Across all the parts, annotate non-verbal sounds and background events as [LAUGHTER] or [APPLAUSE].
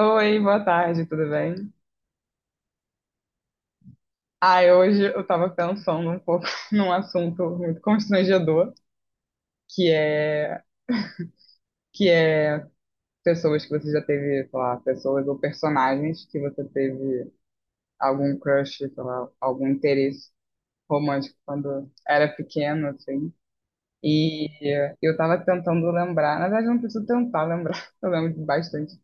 Oi, boa tarde, tudo bem? Ai, hoje eu tava pensando um pouco [LAUGHS] num assunto muito constrangedor, que é que é pessoas que você já teve, sei lá, pessoas ou personagens que você teve algum crush, sei lá, algum interesse romântico quando era pequeno, assim. E eu tava tentando lembrar, na verdade eu não preciso tentar lembrar, [LAUGHS] eu lembro bastante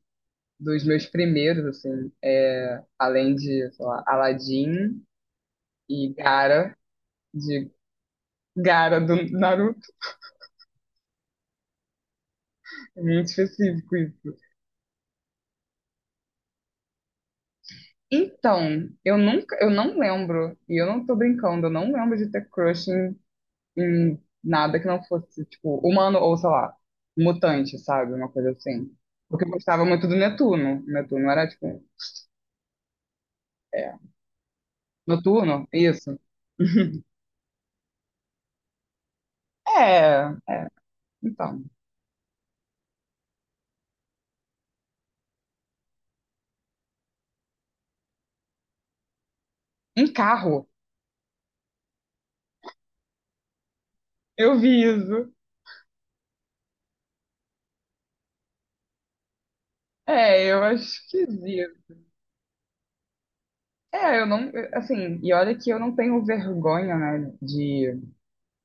dos meus primeiros, assim, além de, sei lá, Aladdin e de Gara do Naruto. É muito específico isso. Então, eu nunca, eu não lembro, e eu não tô brincando, eu não lembro de ter crush em nada que não fosse, tipo, humano ou, sei lá, mutante, sabe? Uma coisa assim. Porque eu gostava muito do Netuno. O Netuno era, tipo, é, Noturno, isso. [LAUGHS] É, é, então. Em carro, eu vi isso. É, eu acho que vi. É, eu não, assim, e olha que eu não tenho vergonha, né, de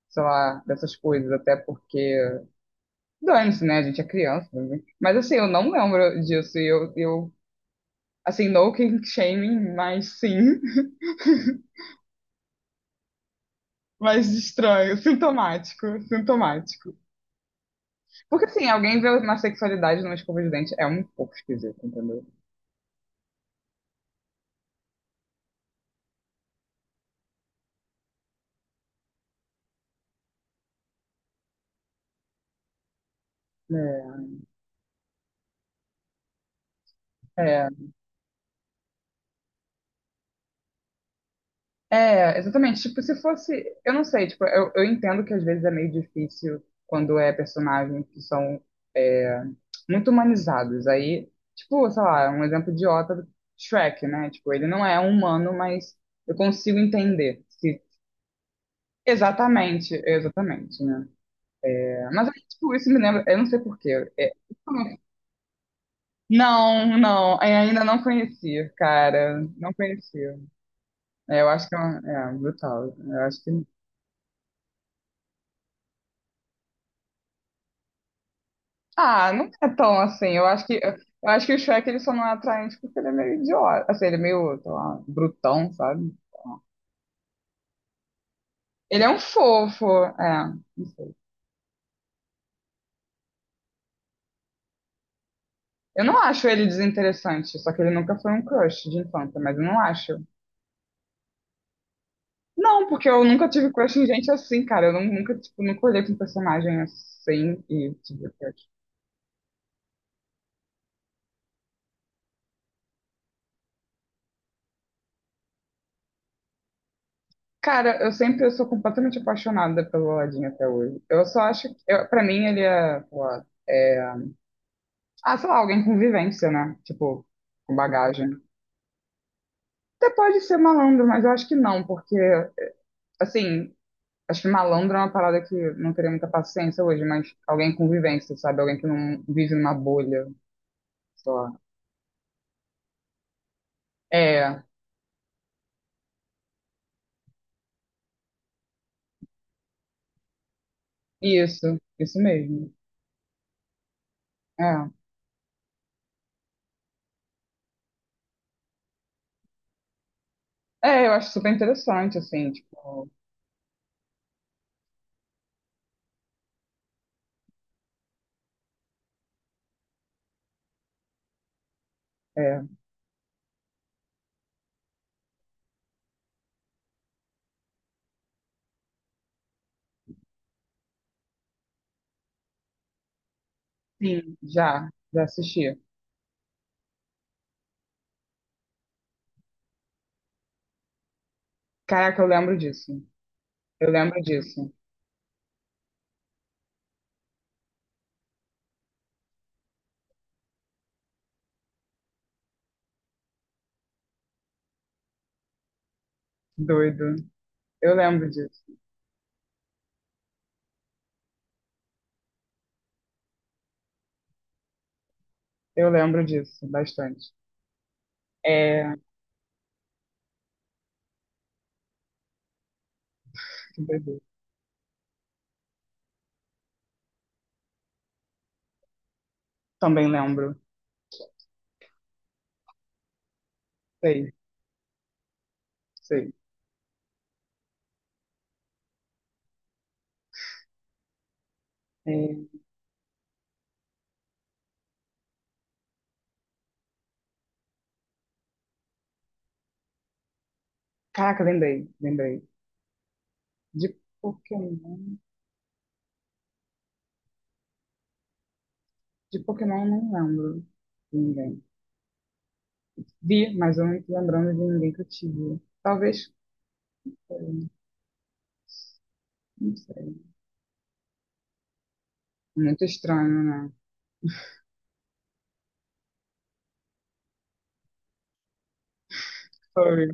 sei lá, dessas coisas, até porque dane-se, né? A gente é criança, né? Mas assim, eu não lembro disso. E eu assim, no kink shaming, mas sim. [LAUGHS] Mas estranho, sintomático, sintomático. Porque assim, alguém vê uma sexualidade numa escova de dente é um pouco esquisito, entendeu? É, é. É, exatamente. Tipo, se fosse. Eu não sei, tipo, eu entendo que às vezes é meio difícil quando é personagens que são é, muito humanizados. Aí, tipo, sei lá, um exemplo idiota, Shrek, né? Tipo, ele não é um humano, mas eu consigo entender. Se... Exatamente, exatamente, né? É, mas aí, tipo, isso me lembra. Eu não sei por quê. É, não, não, ainda não conheci, cara. Não conheci. É, eu acho que é brutal. Eu acho que Ah, não é tão assim. Eu acho que o Shrek ele só não é atraente porque ele é meio idiota, assim, ele é meio, sei lá, brutão, sabe? Ele é um fofo, é, não sei. Eu não acho ele desinteressante, só que ele nunca foi um crush de infância, mas eu não acho. Não, porque eu nunca tive crush em gente assim, cara. Eu não- Nunca, tipo, nunca olhei pra um personagem assim e tive crush. Cara, eu sou completamente apaixonada pelo Aladdin até hoje. Eu só acho que, eu, pra mim, ele é, sei lá, Ah, sei lá, alguém com vivência, né? Tipo, com bagagem. Até pode ser malandro, mas eu acho que não, porque, assim, acho que malandro é uma parada que não teria muita paciência hoje, mas alguém com vivência, sabe? Alguém que não vive numa bolha, sei lá. É, isso mesmo. É. É, eu acho super interessante, assim, tipo, é. Sim. Já, já assisti. Caraca, eu lembro disso. Eu lembro disso. Doido. Eu lembro disso. Eu lembro disso bastante. É, que doido. Também lembro. Sei, sei. É, caraca, lembrei, lembrei. De Pokémon. De Pokémon eu não lembro de ninguém. Vi, mas eu não tô lembrando de ninguém que eu tive. Talvez foi, não sei. Muito estranho, né? Furry.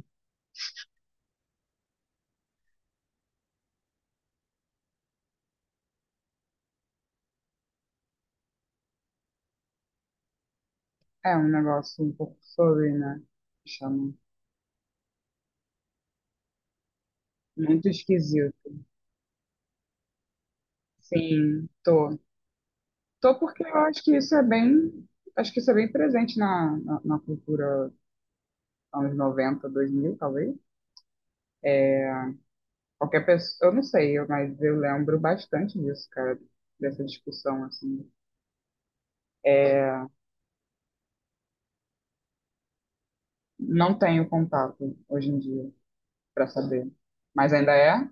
É um negócio um pouco furry, né? Chama. Muito esquisito. Sim, tô. Tô porque eu acho que isso é bem. Acho que isso é bem presente na cultura anos 90 2000 talvez. É, qualquer pessoa, eu não sei, mas eu lembro bastante disso, cara, dessa discussão, assim. É, não tenho contato hoje em dia para saber. Mas ainda é?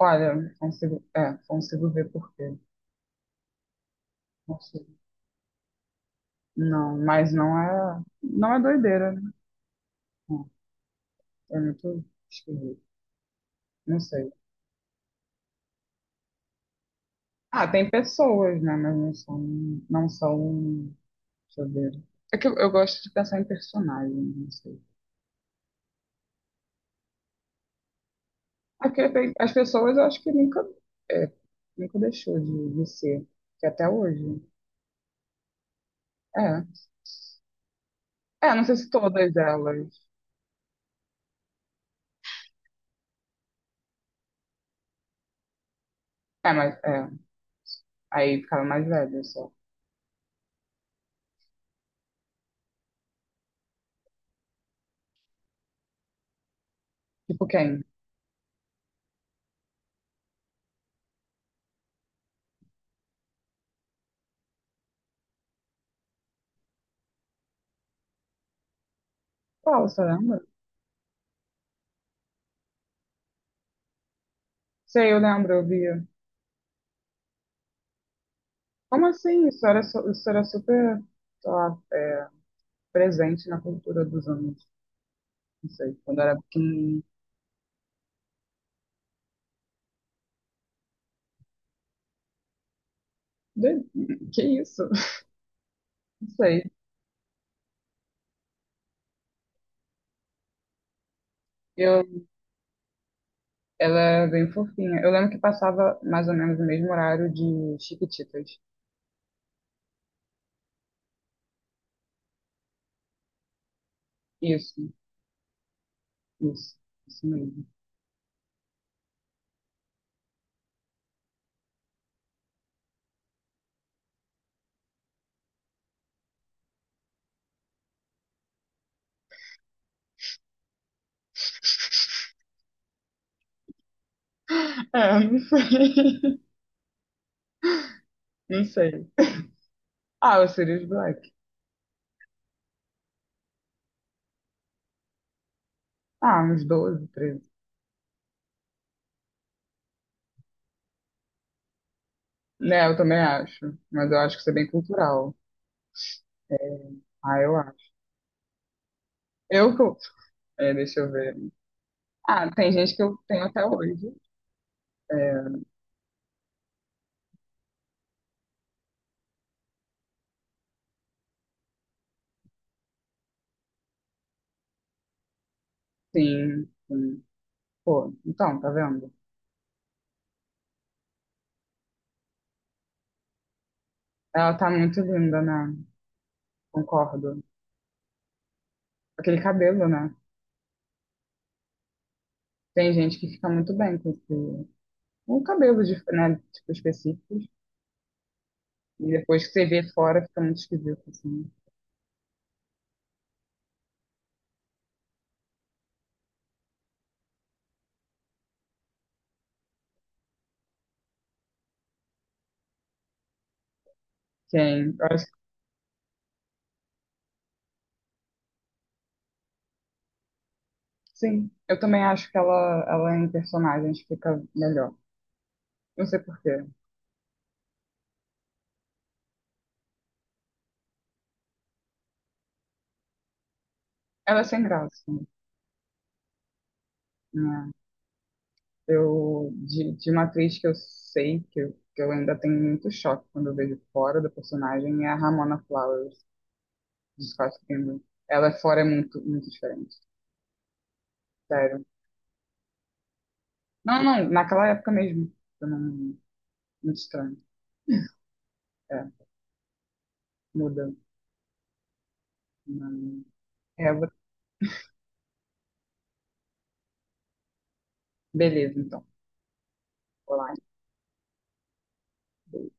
Olha, não consigo, consigo ver por quê. Consigo. Não, mas não é doideira, né? Não, é muito esquisito. Não sei. Ah, tem pessoas, né? Mas não são, deixa eu ver. É que eu gosto de pensar em personagens, não sei. Aqui, as pessoas eu acho que é, nunca deixou de ser, que até hoje. É. É, não sei se todas elas. É, mas é. Aí ficava mais velha só. Tipo quem? Qual, você lembra? Sei, eu lembro, eu via. Como assim? Isso era, isso era super, sei lá, presente na cultura dos anos. Não sei, quando era pequenininho. De- Que isso? [LAUGHS] Não sei. Eu, Ela é bem fofinha. Eu lembro que passava mais ou menos o mesmo horário de Chiquititas. Isso. Isso, isso mesmo. [LAUGHS] É, eu não sei. [LAUGHS] Não sei. Ah, o Sirius Black. Ah, uns 12 13. Né, eu também acho. Mas eu acho que isso é bem cultural. É, ah, eu acho. Eu, que Deixa eu ver. Ah, tem gente que eu tenho até hoje. É, sim, sim. Pô, então, tá vendo? Ela tá muito linda, né? Concordo. Aquele cabelo, né? Tem gente que fica muito bem com esse. Um cabelo, né? Tipo, específicos. E depois que você vê fora, fica muito esquisito, assim. Sim, eu acho, sim, eu também acho que ela em personagens fica melhor. Não sei por quê. Ela é sem graça, né? De uma atriz que eu, sei que eu ainda tenho muito choque quando eu vejo fora da personagem é a Ramona Flowers, de Scott Pilgrim. Ela fora é muito, muito diferente, sério. Não, não, naquela época mesmo. Eu não, muito estranho. É, muda. Não- É, beleza, então. Olá. Então.